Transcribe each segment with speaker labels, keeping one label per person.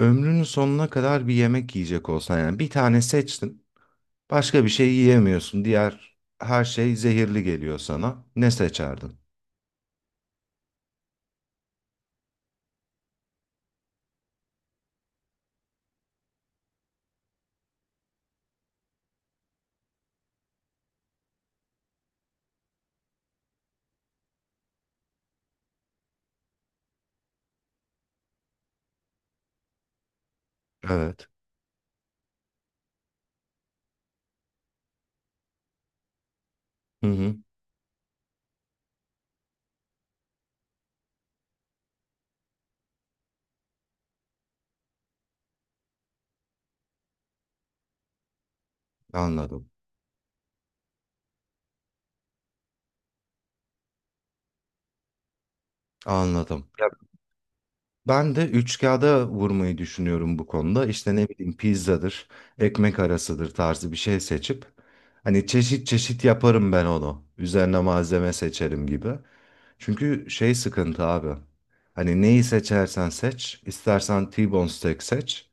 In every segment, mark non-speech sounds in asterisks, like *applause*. Speaker 1: Ömrünün sonuna kadar bir yemek yiyecek olsan yani bir tane seçtin, başka bir şey yiyemiyorsun. Diğer her şey zehirli geliyor sana. Ne seçerdin? Evet. Hı hı, anladım. Anladım. Ya ben de üç kağıda vurmayı düşünüyorum bu konuda. İşte ne bileyim pizzadır, ekmek arasıdır tarzı bir şey seçip hani çeşit çeşit yaparım ben onu. Üzerine malzeme seçerim gibi. Çünkü şey sıkıntı abi. Hani neyi seçersen seç, istersen T-bone steak seç.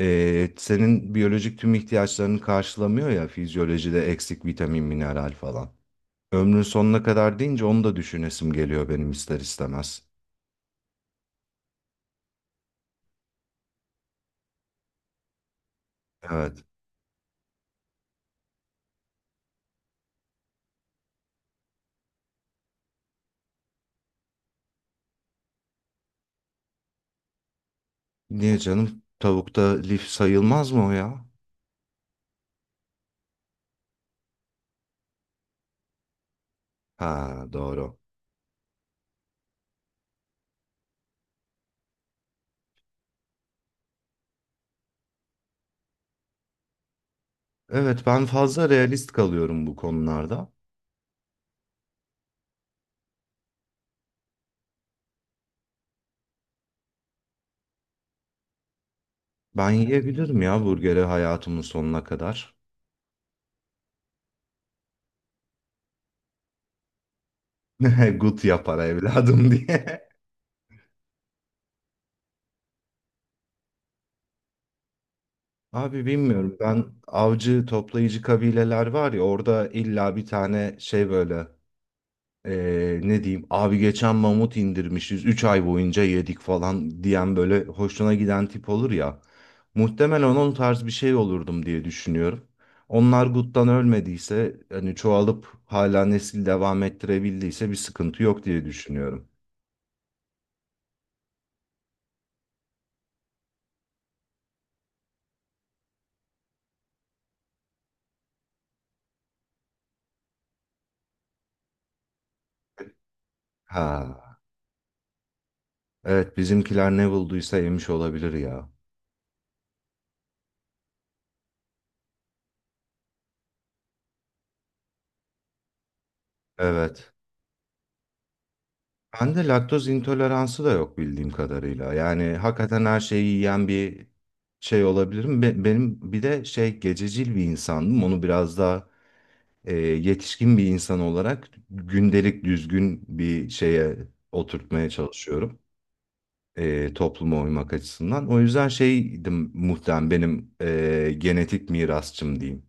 Speaker 1: Senin biyolojik tüm ihtiyaçlarını karşılamıyor ya fizyolojide eksik vitamin, mineral falan. Ömrün sonuna kadar deyince onu da düşünesim geliyor benim ister istemez. Evet. Niye canım? Tavukta lif sayılmaz mı o ya? Ha doğru. Evet ben fazla realist kalıyorum bu konularda. Ben yiyebilirim ya burgeri hayatımın sonuna kadar. *laughs* Gut yapar evladım *laughs* diye. Abi bilmiyorum ben avcı toplayıcı kabileler var ya orada illa bir tane şey böyle. Ne diyeyim abi geçen mamut indirmişiz 3 ay boyunca yedik falan diyen böyle hoşuna giden tip olur ya. Muhtemelen onun tarz bir şey olurdum diye düşünüyorum. Onlar guttan ölmediyse hani çoğalıp hala nesil devam ettirebildiyse bir sıkıntı yok diye düşünüyorum. Ha evet bizimkiler ne bulduysa yemiş olabilir ya. Evet. Bende laktoz intoleransı da yok bildiğim kadarıyla. Yani hakikaten her şeyi yiyen bir şey olabilirim. Benim bir de şey gececil bir insandım. Onu biraz daha yetişkin bir insan olarak gündelik düzgün bir şeye oturtmaya çalışıyorum. Topluma uymak açısından. O yüzden şeydim muhtemelen benim genetik mirasçım diyeyim.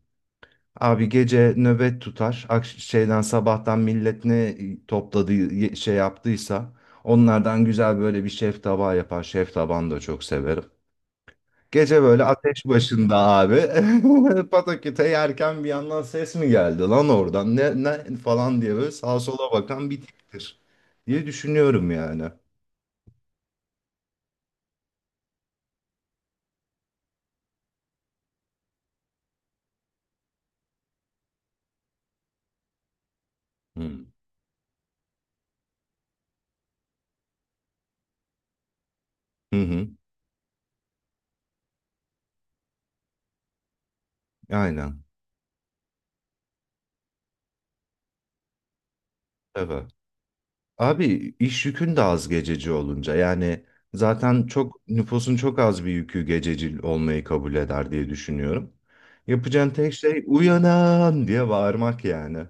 Speaker 1: Abi gece nöbet tutar. Şeyden sabahtan millet ne topladığı şey yaptıysa onlardan güzel böyle bir şef tabağı yapar. Şef tabağını da çok severim. Gece böyle ateş başında abi *laughs* pataküte yerken bir yandan ses mi geldi lan oradan ne, ne falan diye böyle sağa sola bakan bir tiptir diye düşünüyorum yani. Hı hı. Hı. Aynen. Evet. Abi iş yükün de az gececi olunca yani zaten çok nüfusun çok az bir yükü gececi olmayı kabul eder diye düşünüyorum. Yapacağın tek şey uyanan diye bağırmak yani.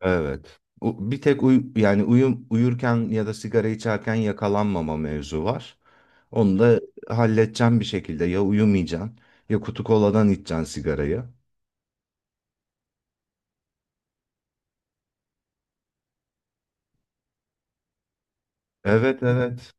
Speaker 1: Evet. Bir tek yani uyurken ya da sigara içerken yakalanmama mevzu var. Onu da halledeceğim bir şekilde ya uyumayacaksın ya kutu koladan içeceksin sigarayı. Evet evet.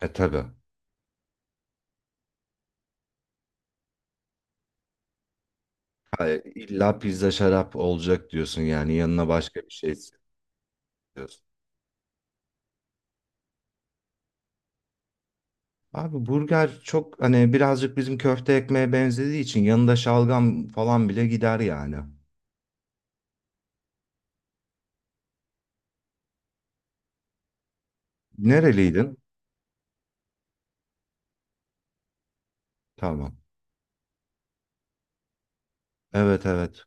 Speaker 1: E tabii. Hayır, illa pizza şarap olacak diyorsun yani yanına başka bir şey istiyorsun. Abi burger çok hani birazcık bizim köfte ekmeğe benzediği için yanında şalgam falan bile gider yani. Nereliydin? Tamam. Evet evet.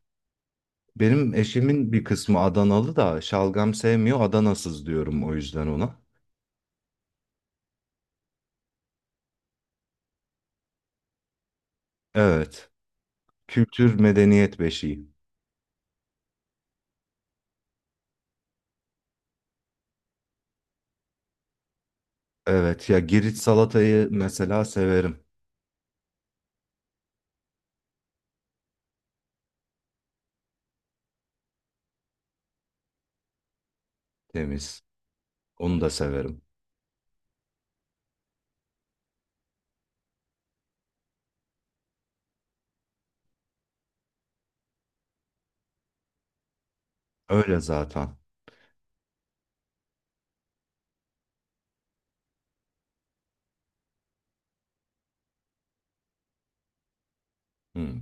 Speaker 1: Benim eşimin bir kısmı Adanalı da şalgam sevmiyor, Adanasız diyorum o yüzden ona. Evet. Kültür medeniyet beşiği. Evet ya Girit salatayı mesela severim. Temiz. Onu da severim. Öyle zaten. Hı.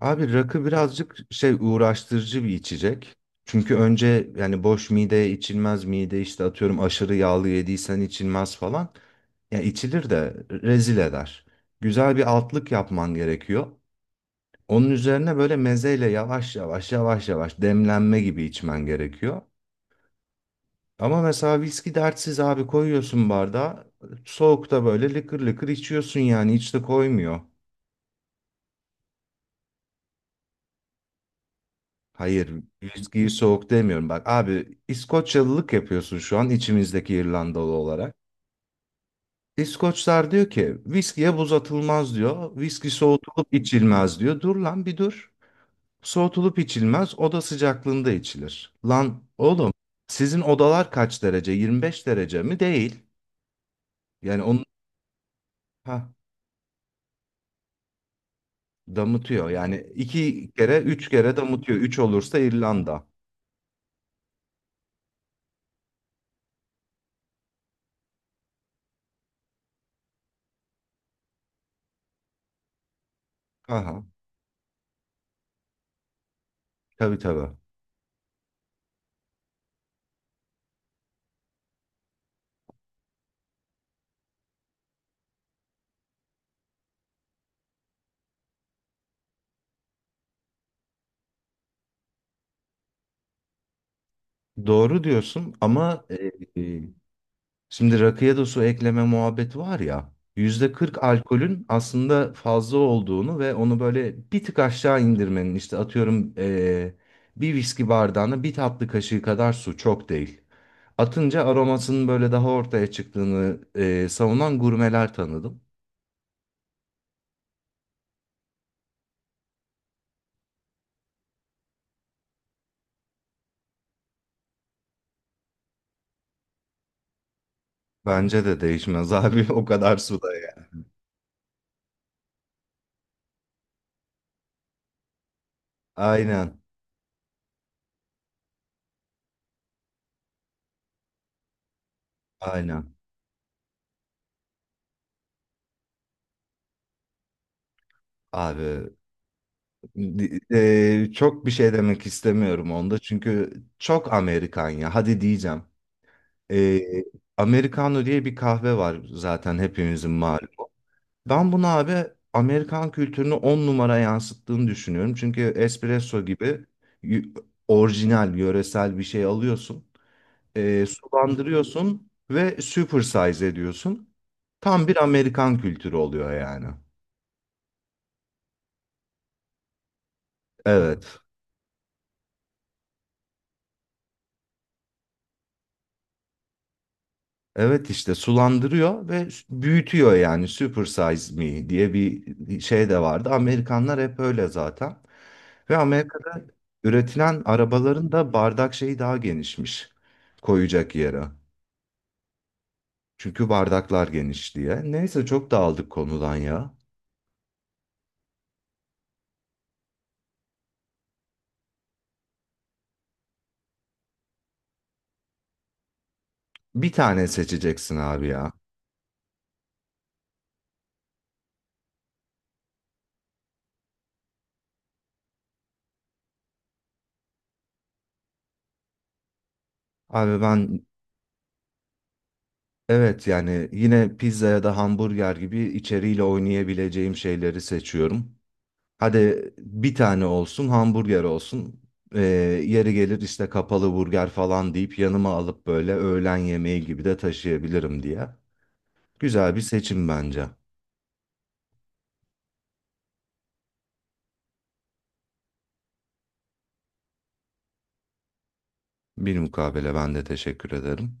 Speaker 1: Abi rakı birazcık şey uğraştırıcı bir içecek. Çünkü önce yani boş mideye içilmez, mide işte atıyorum aşırı yağlı yediysen içilmez falan. Ya içilir de rezil eder. Güzel bir altlık yapman gerekiyor. Onun üzerine böyle mezeyle yavaş yavaş yavaş yavaş demlenme gibi içmen gerekiyor. Ama mesela viski dertsiz abi, koyuyorsun bardağa. Soğukta böyle lıkır lıkır içiyorsun yani hiç de koymuyor. Hayır, viskiyi soğuk demiyorum. Bak abi İskoçyalılık yapıyorsun şu an içimizdeki İrlandalı olarak. İskoçlar diyor ki viskiye buz atılmaz diyor. Viski soğutulup içilmez diyor. Dur lan bir dur. Soğutulup içilmez, oda sıcaklığında içilir. Lan oğlum sizin odalar kaç derece? 25 derece mi? Değil. Yani onu ha, damıtıyor. Yani 2 kere 3 kere damıtıyor. Üç olursa İrlanda. Aha, tabii tabii. Doğru diyorsun ama e, şimdi rakıya da su ekleme muhabbeti var ya. %40 alkolün aslında fazla olduğunu ve onu böyle bir tık aşağı indirmenin, işte atıyorum bir viski bardağına bir tatlı kaşığı kadar su çok değil. Atınca aromasının böyle daha ortaya çıktığını savunan gurmeler tanıdım. Bence de değişmez abi *laughs* o kadar suda ya. Aynen aynen abi, çok bir şey demek istemiyorum onda çünkü çok Amerikan ya, hadi diyeceğim. Ee, Americano diye bir kahve var zaten, hepimizin malumu. Ben bunu abi Amerikan kültürünü on numara yansıttığını düşünüyorum. Çünkü espresso gibi y- orijinal, yöresel bir şey alıyorsun. Sulandırıyorsun ve super size ediyorsun. Tam bir Amerikan kültürü oluyor yani. Evet. Evet işte sulandırıyor ve büyütüyor yani super size me diye bir şey de vardı. Amerikanlar hep öyle zaten. Ve Amerika'da üretilen arabaların da bardak şeyi daha genişmiş, koyacak yere. Çünkü bardaklar geniş diye. Neyse çok dağıldık konudan ya. Bir tane seçeceksin abi ya. Abi ben, evet, yani yine pizza ya da hamburger gibi içeriğiyle oynayabileceğim şeyleri seçiyorum. Hadi bir tane olsun, hamburger olsun. Ee, Yeri gelir işte, kapalı burger falan deyip yanıma alıp böyle öğlen yemeği gibi de taşıyabilirim diye. Güzel bir seçim bence. Bir mukabele, ben de teşekkür ederim.